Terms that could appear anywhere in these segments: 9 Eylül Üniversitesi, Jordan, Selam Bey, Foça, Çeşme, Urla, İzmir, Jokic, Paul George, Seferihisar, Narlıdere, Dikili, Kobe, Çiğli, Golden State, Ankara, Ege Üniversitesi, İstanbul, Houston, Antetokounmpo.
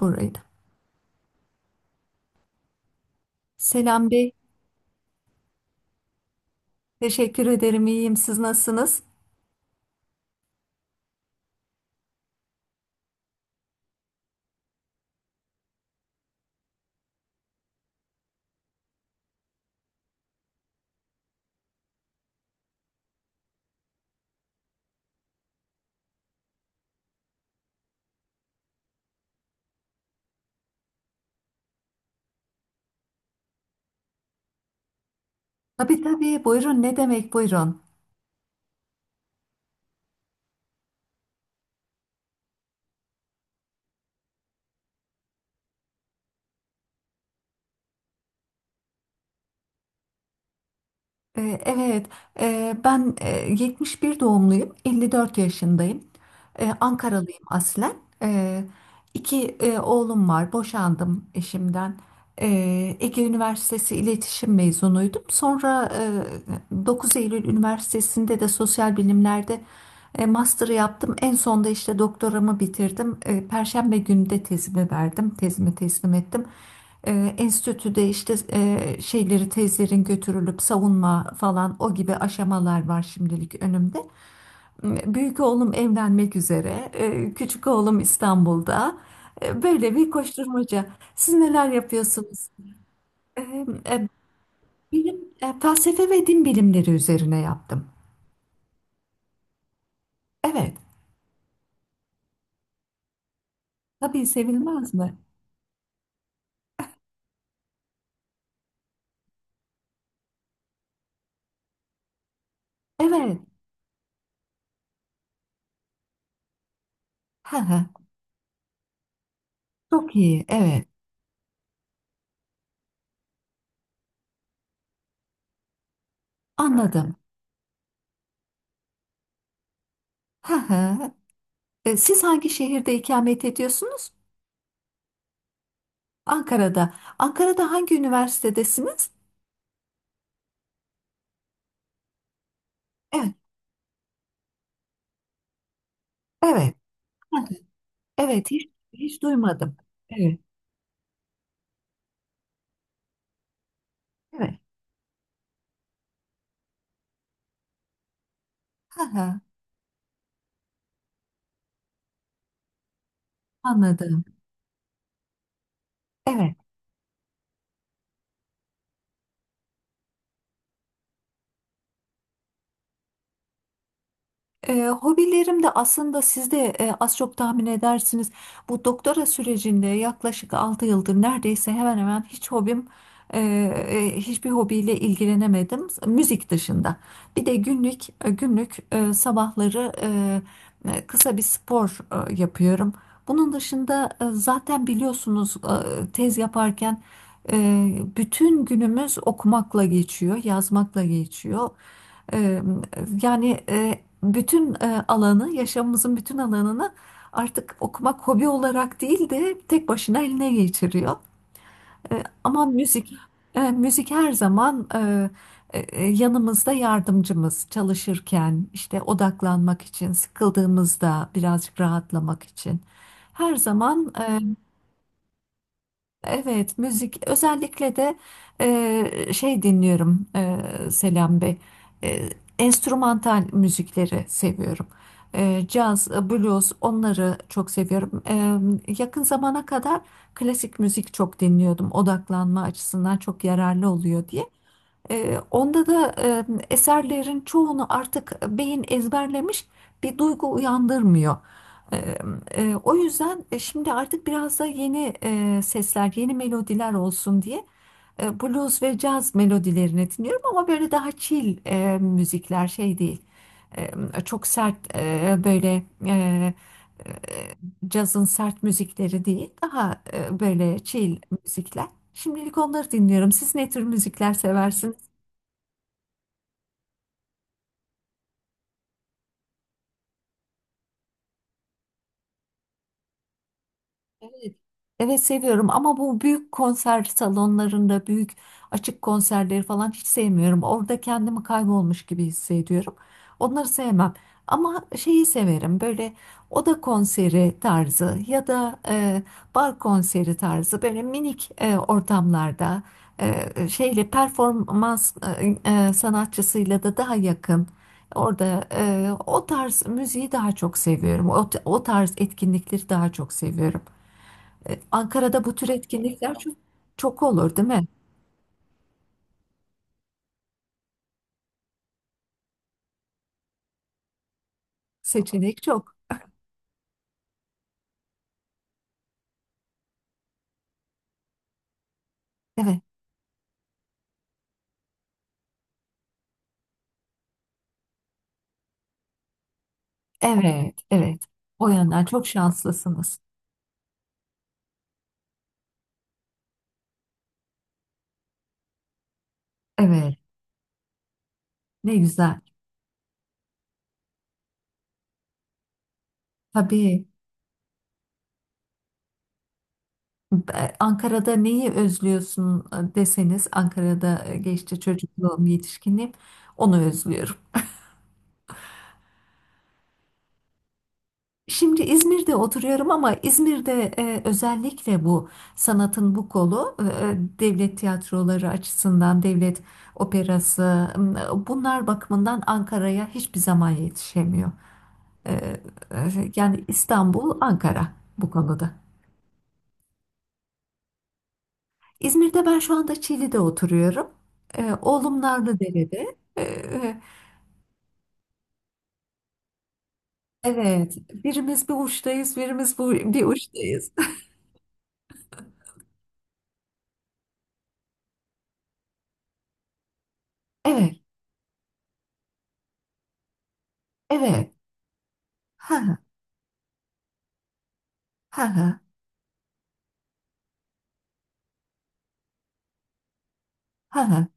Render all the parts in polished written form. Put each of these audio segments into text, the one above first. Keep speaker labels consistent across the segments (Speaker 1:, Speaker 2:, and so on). Speaker 1: Burayı da. Selam Bey, teşekkür ederim. İyiyim. Siz nasılsınız? Tabii tabii. Buyurun. Ne demek buyurun? Ee, Evet, Ben 71 doğumluyum, 54 yaşındayım. Ankaralıyım aslen. Ee, İki oğlum var, boşandım eşimden. Ege Üniversitesi İletişim mezunuydum. Sonra 9 Eylül Üniversitesi'nde de sosyal bilimlerde master'ı yaptım. En sonda işte doktoramı bitirdim. Perşembe günü de tezimi verdim, tezimi teslim ettim. Enstitüde işte şeyleri tezlerin götürülüp savunma falan o gibi aşamalar var şimdilik önümde. Büyük oğlum evlenmek üzere, küçük oğlum İstanbul'da. Böyle bir koşturmaca. Siz neler yapıyorsunuz? E, e, Bilim, felsefe ve din bilimleri üzerine yaptım. Evet, tabii sevilmez mi? Evet, hı hı, çok iyi, evet, anladım. Hı hı. Siz hangi şehirde ikamet ediyorsunuz? Ankara'da. Ankara'da hangi üniversitedesiniz? Evet, evet. Hı hı. Evet, hiç, hiç duymadım. Evet, evet. Hı hı, anladım. Evet. Hobilerim de aslında siz de az çok tahmin edersiniz. Bu doktora sürecinde yaklaşık 6 yıldır neredeyse hemen hemen hiç hiçbir hobiyle ilgilenemedim. Müzik dışında. Bir de günlük sabahları kısa bir spor yapıyorum. Bunun dışında zaten biliyorsunuz tez yaparken e, bütün günümüz okumakla geçiyor, yazmakla geçiyor. Eee, Yani bütün alanı, yaşamımızın bütün alanını artık okumak hobi olarak değil de tek başına eline geçiriyor. Ama müzik, müzik her zaman yanımızda yardımcımız çalışırken, işte odaklanmak için, sıkıldığımızda birazcık rahatlamak için. Her zaman evet, müzik özellikle de şey dinliyorum. Selam Bey. E, Enstrümantal müzikleri seviyorum. Caz, blues onları çok seviyorum. Yakın zamana kadar klasik müzik çok dinliyordum. Odaklanma açısından çok yararlı oluyor diye. Onda da eserlerin çoğunu artık beyin ezberlemiş bir duygu uyandırmıyor. Ee, O yüzden şimdi artık biraz da yeni sesler, yeni melodiler olsun diye blues ve caz melodilerini dinliyorum ama böyle daha chill müzikler şey değil. Çok sert cazın sert müzikleri değil, daha böyle chill müzikler. Şimdilik onları dinliyorum. Siz ne tür müzikler seversiniz? Evet, evet seviyorum ama bu büyük konser salonlarında büyük açık konserleri falan hiç sevmiyorum. Orada kendimi kaybolmuş gibi hissediyorum. Onları sevmem. Ama şeyi severim böyle oda konseri tarzı ya da bar konseri tarzı böyle minik ortamlarda şeyle performans sanatçısıyla da daha yakın. Orada o tarz müziği daha çok seviyorum. O tarz etkinlikleri daha çok seviyorum. Ankara'da bu tür etkinlikler çok, çok olur, değil mi? Seçenek çok. Evet, evet, evet. O yandan çok şanslısınız. Evet, ne güzel. Tabii. Ankara'da neyi özlüyorsun deseniz, Ankara'da geçti çocukluğum, yetişkinliğim, onu özlüyorum. Şimdi İzmir'de oturuyorum ama İzmir'de özellikle bu sanatın bu kolu devlet tiyatroları açısından devlet operası, bunlar bakımından Ankara'ya hiçbir zaman yetişemiyor. E, Yani İstanbul, Ankara bu konuda. İzmir'de ben şu anda Çiğli'de oturuyorum. Oğlum Narlıdere'de. Evet, birimiz bir uçtayız, birimiz bir uçtayız. Evet, evet. Ha ha ha ha.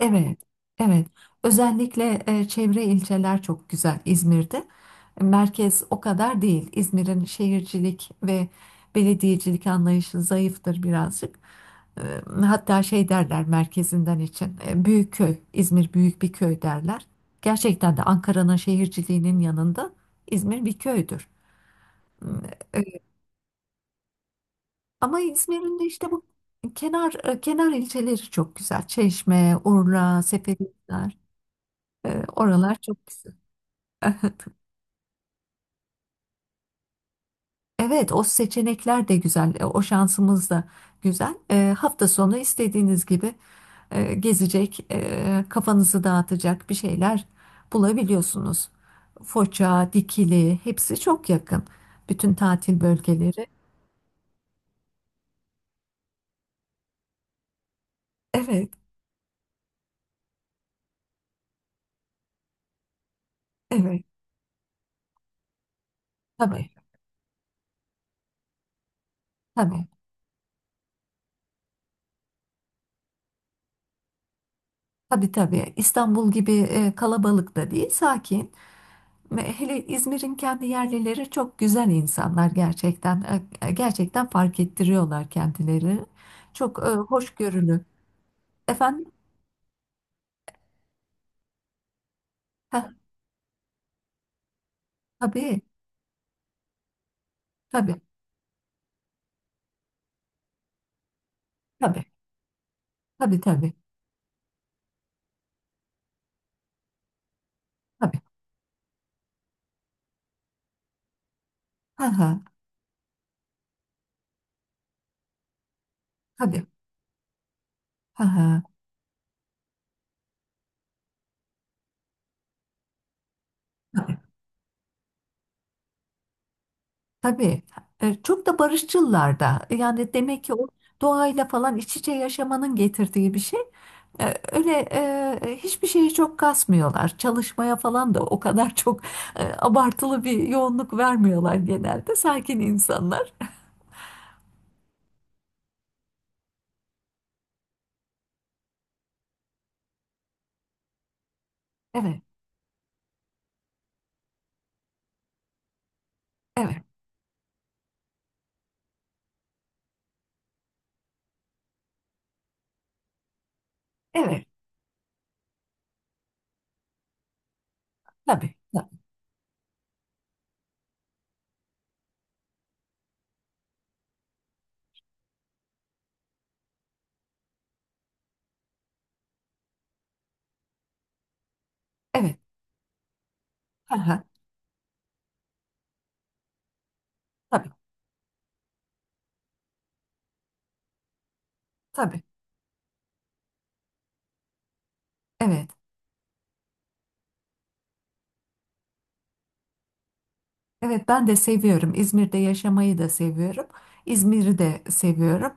Speaker 1: Evet, evet. Özellikle çevre ilçeler çok güzel İzmir'de. Merkez o kadar değil. İzmir'in şehircilik ve belediyecilik anlayışı zayıftır birazcık. E, Hatta şey derler merkezinden için. Büyük köy, İzmir büyük bir köy derler. Gerçekten de Ankara'nın şehirciliğinin yanında İzmir bir köydür. E, Ama İzmir'in de işte bu kenar ilçeleri çok güzel. Çeşme, Urla, Seferihisar, oralar çok güzel. Evet, o seçenekler de güzel, o şansımız da güzel. Hafta sonu istediğiniz gibi gezecek, kafanızı dağıtacak bir şeyler bulabiliyorsunuz. Foça, Dikili, hepsi çok yakın. Bütün tatil bölgeleri. Evet, evet. Tabii, tabii, tabii, tabii. İstanbul gibi kalabalık da değil, sakin. Ve hele İzmir'in kendi yerlileri çok güzel insanlar gerçekten. Gerçekten fark ettiriyorlar kendileri. Çok hoşgörülü. Efendim? Ha, tabii, tabii, tabii, tabii, tabii, tabii. Ha, ha, tabii, ha, ha. Tabii. Çok da barışçılar da. Yani demek ki o doğayla falan iç içe yaşamanın getirdiği bir şey. Öyle hiçbir şeyi çok kasmıyorlar. Çalışmaya falan da o kadar çok abartılı bir yoğunluk vermiyorlar genelde. Sakin insanlar. Evet, evet, evet. Tabii, tabii. Evet. Aha, tabii, tabii. Evet. Evet, ben de seviyorum. İzmir'de yaşamayı da seviyorum. İzmir'i de seviyorum.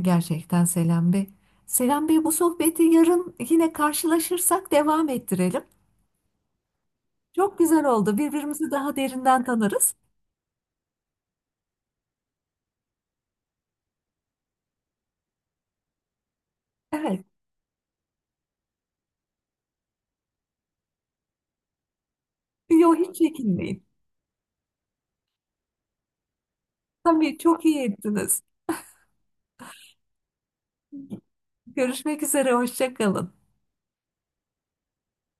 Speaker 1: Gerçekten Selam Bey. Selam Bey bu sohbeti yarın yine karşılaşırsak devam ettirelim. Çok güzel oldu. Birbirimizi daha derinden tanırız. Evet. Yok hiç çekinmeyin. Tabii çok iyi ettiniz. Görüşmek üzere. Hoşça kalın.